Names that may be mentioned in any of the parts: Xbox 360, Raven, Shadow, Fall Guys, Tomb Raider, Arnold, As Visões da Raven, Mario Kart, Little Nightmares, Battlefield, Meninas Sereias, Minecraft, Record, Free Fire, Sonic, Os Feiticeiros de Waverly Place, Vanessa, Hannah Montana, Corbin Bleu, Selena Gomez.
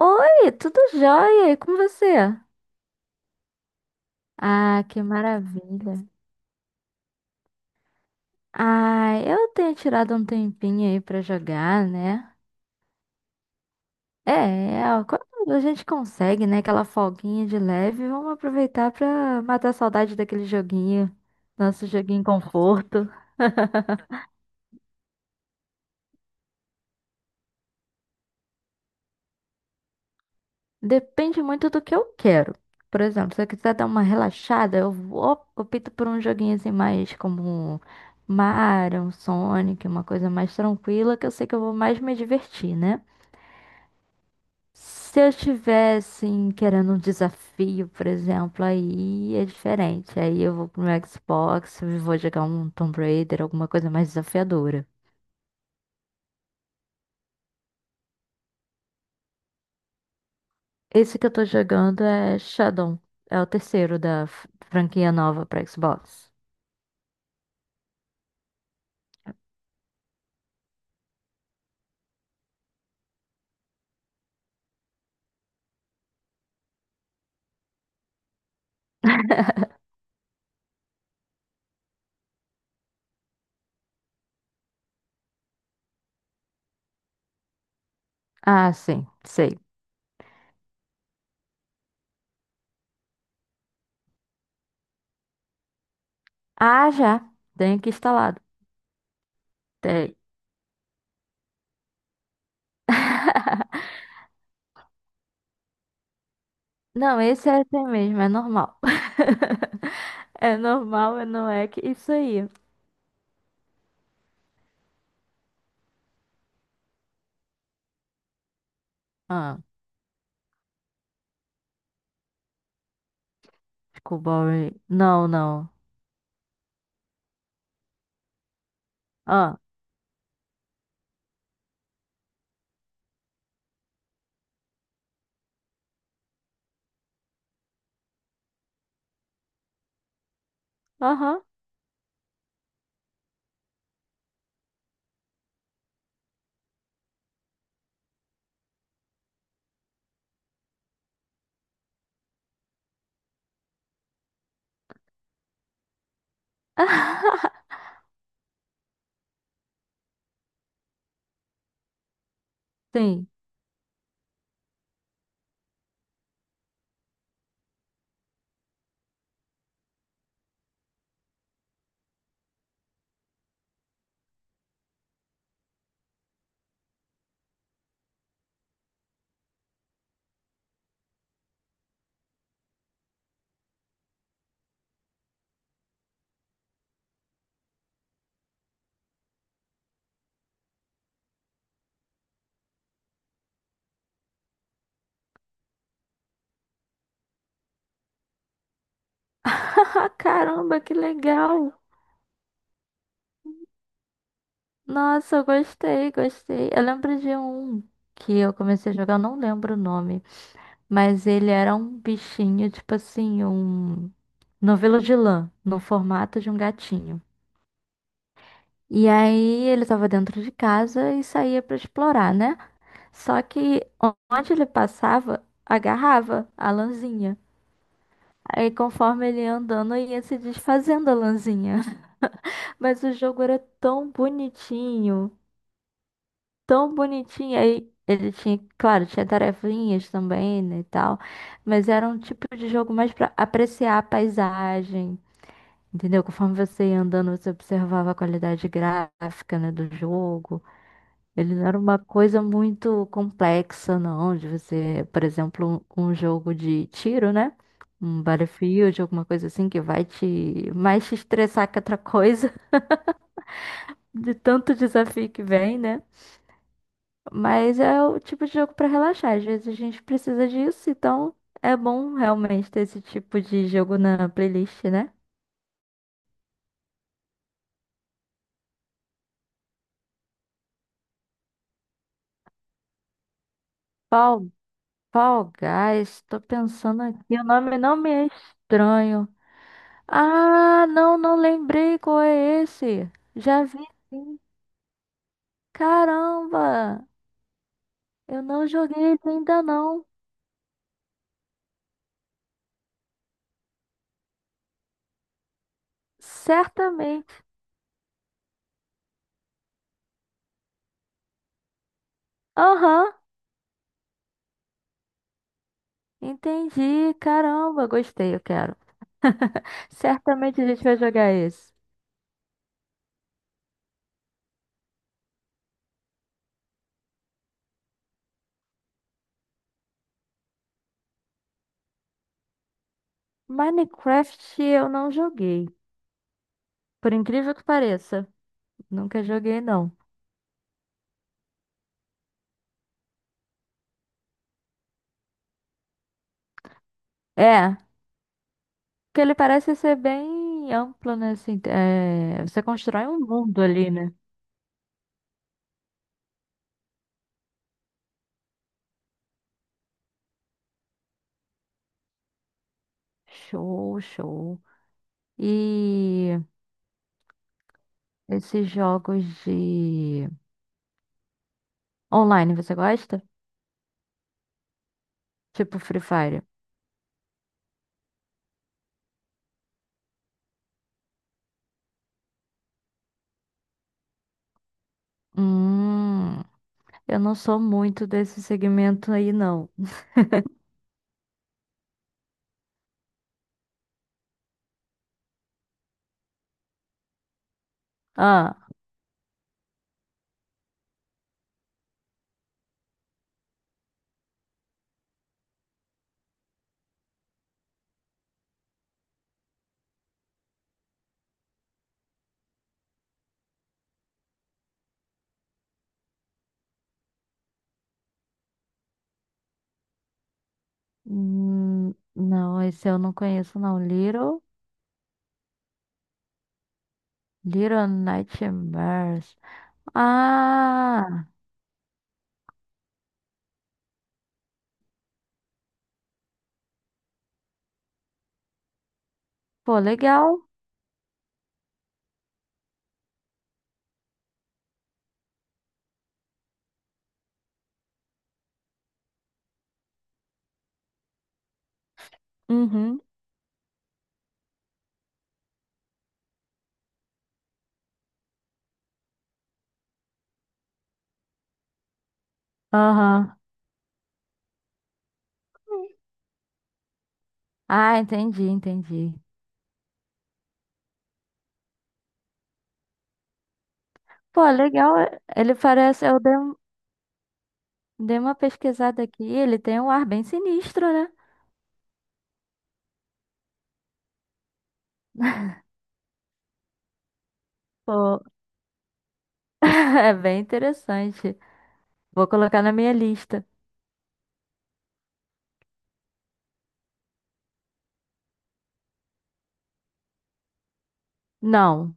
Oi, tudo jóia? E com você? Ah, que maravilha. Ah, eu tenho tirado um tempinho aí pra jogar, né? É, é, ó, quando a gente consegue, né, aquela folguinha de leve, vamos aproveitar pra matar a saudade daquele joguinho, nosso joguinho conforto. Depende muito do que eu quero. Por exemplo, se eu quiser dar uma relaxada, opto por um joguinho assim mais como um Mario, um Sonic, uma coisa mais tranquila, que eu sei que eu vou mais me divertir, né? Se eu estivesse querendo um desafio, por exemplo, aí é diferente. Aí eu vou pro meu Xbox, e vou jogar um Tomb Raider, alguma coisa mais desafiadora. Esse que eu tô jogando é Shadow. É o terceiro da franquia nova pra Xbox. Ah, sim, sei. Ah, já. Tenho aqui instalado. Tem. Não, esse é assim mesmo, é normal. É normal, não é que isso aí. Ah, desculpa, Ray. Não, não. Ah, aham. Sim. Caramba, que legal. Nossa, eu gostei, gostei. Eu lembro de um que eu comecei a jogar, eu não lembro o nome, mas ele era um bichinho, tipo assim, um novelo de lã, no formato de um gatinho. E aí ele tava dentro de casa e saía pra explorar, né? Só que onde ele passava, agarrava a lãzinha. Aí conforme ele ia andando, ia se desfazendo a lãzinha. Mas o jogo era tão bonitinho, tão bonitinho. Aí ele tinha, claro, tinha tarefinhas também, né, e tal. Mas era um tipo de jogo mais pra apreciar a paisagem, entendeu? Conforme você ia andando, você observava a qualidade gráfica, né, do jogo. Ele não era uma coisa muito complexa, não, de você, por exemplo, um jogo de tiro, né? Um Battlefield, alguma coisa assim que vai te mais te estressar que outra coisa, de tanto desafio que vem, né? Mas é o tipo de jogo pra relaxar. Às vezes a gente precisa disso, então é bom realmente ter esse tipo de jogo na playlist, né? Fall, Fall Guys, tô pensando aqui, o nome não me é estranho. Ah, não, não lembrei qual é esse. Já vi sim. Caramba, eu não joguei ele ainda não. Certamente. Aham, entendi. Caramba, gostei, eu quero. Certamente a gente vai jogar esse. Minecraft eu não joguei. Por incrível que pareça. Nunca joguei, não. É, porque ele parece ser bem amplo, né? Assim, é, você constrói um mundo ali, né? Show, show. E esses jogos de online, você gosta? Tipo Free Fire. Hum, eu não sou muito desse segmento aí, não. Ah, não, esse eu não conheço, não. Little Nightmares. Ah, pô, legal. Uhum. Aham. Ah, entendi, entendi. Pô, legal. Ele parece. Dei uma pesquisada aqui. Ele tem um ar bem sinistro, né? Pô, é bem interessante. Vou colocar na minha lista. Não.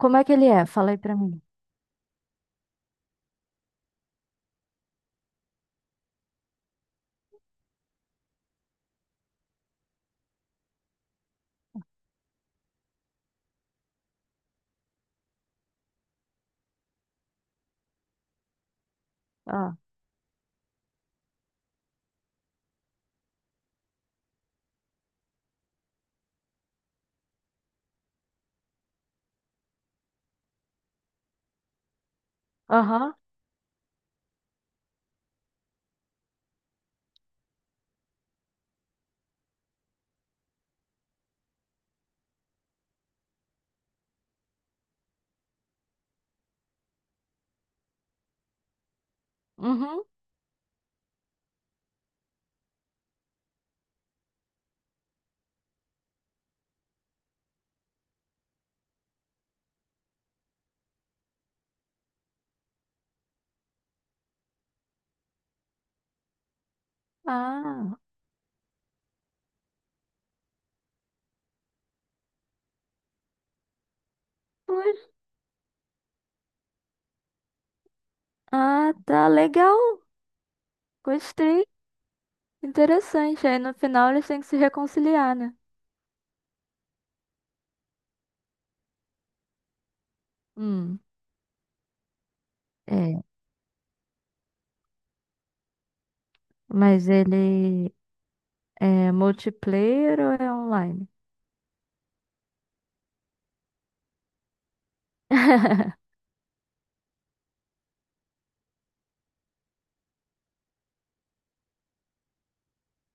Como é que ele é? Fala aí pra mim. Ah, aham. Uhum. Ah, pois. Ah, tá legal. Gostei. Interessante. Aí no final eles têm que se reconciliar, né? Hum. É. Mas ele é multiplayer ou é online?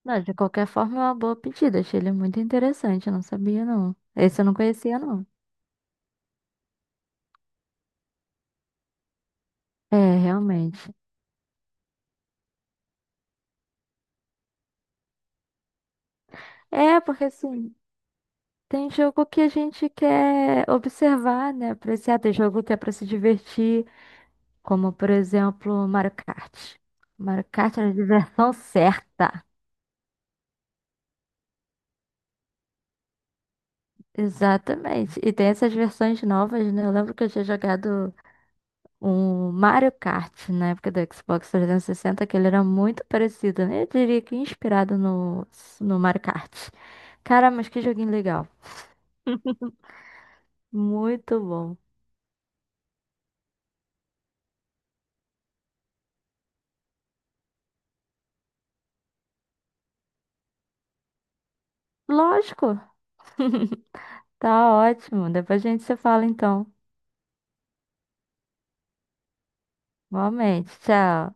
Não, de qualquer forma é uma boa pedida. Achei ele muito interessante. Eu não sabia, não. Esse eu não conhecia, não. É, realmente. É, porque assim, tem jogo que a gente quer observar, né? Apreciar. Tem jogo que é pra se divertir. Como, por exemplo, Mario Kart. Mario Kart é a diversão certa. Exatamente. E tem essas versões novas, né? Eu lembro que eu tinha jogado o Mario Kart, na época do Xbox 360, que ele era muito parecido, né? Eu diria que inspirado no Mario Kart. Cara, mas que joguinho legal. Muito bom. Lógico, tá ótimo. Depois a gente se fala então. Igualmente, tchau.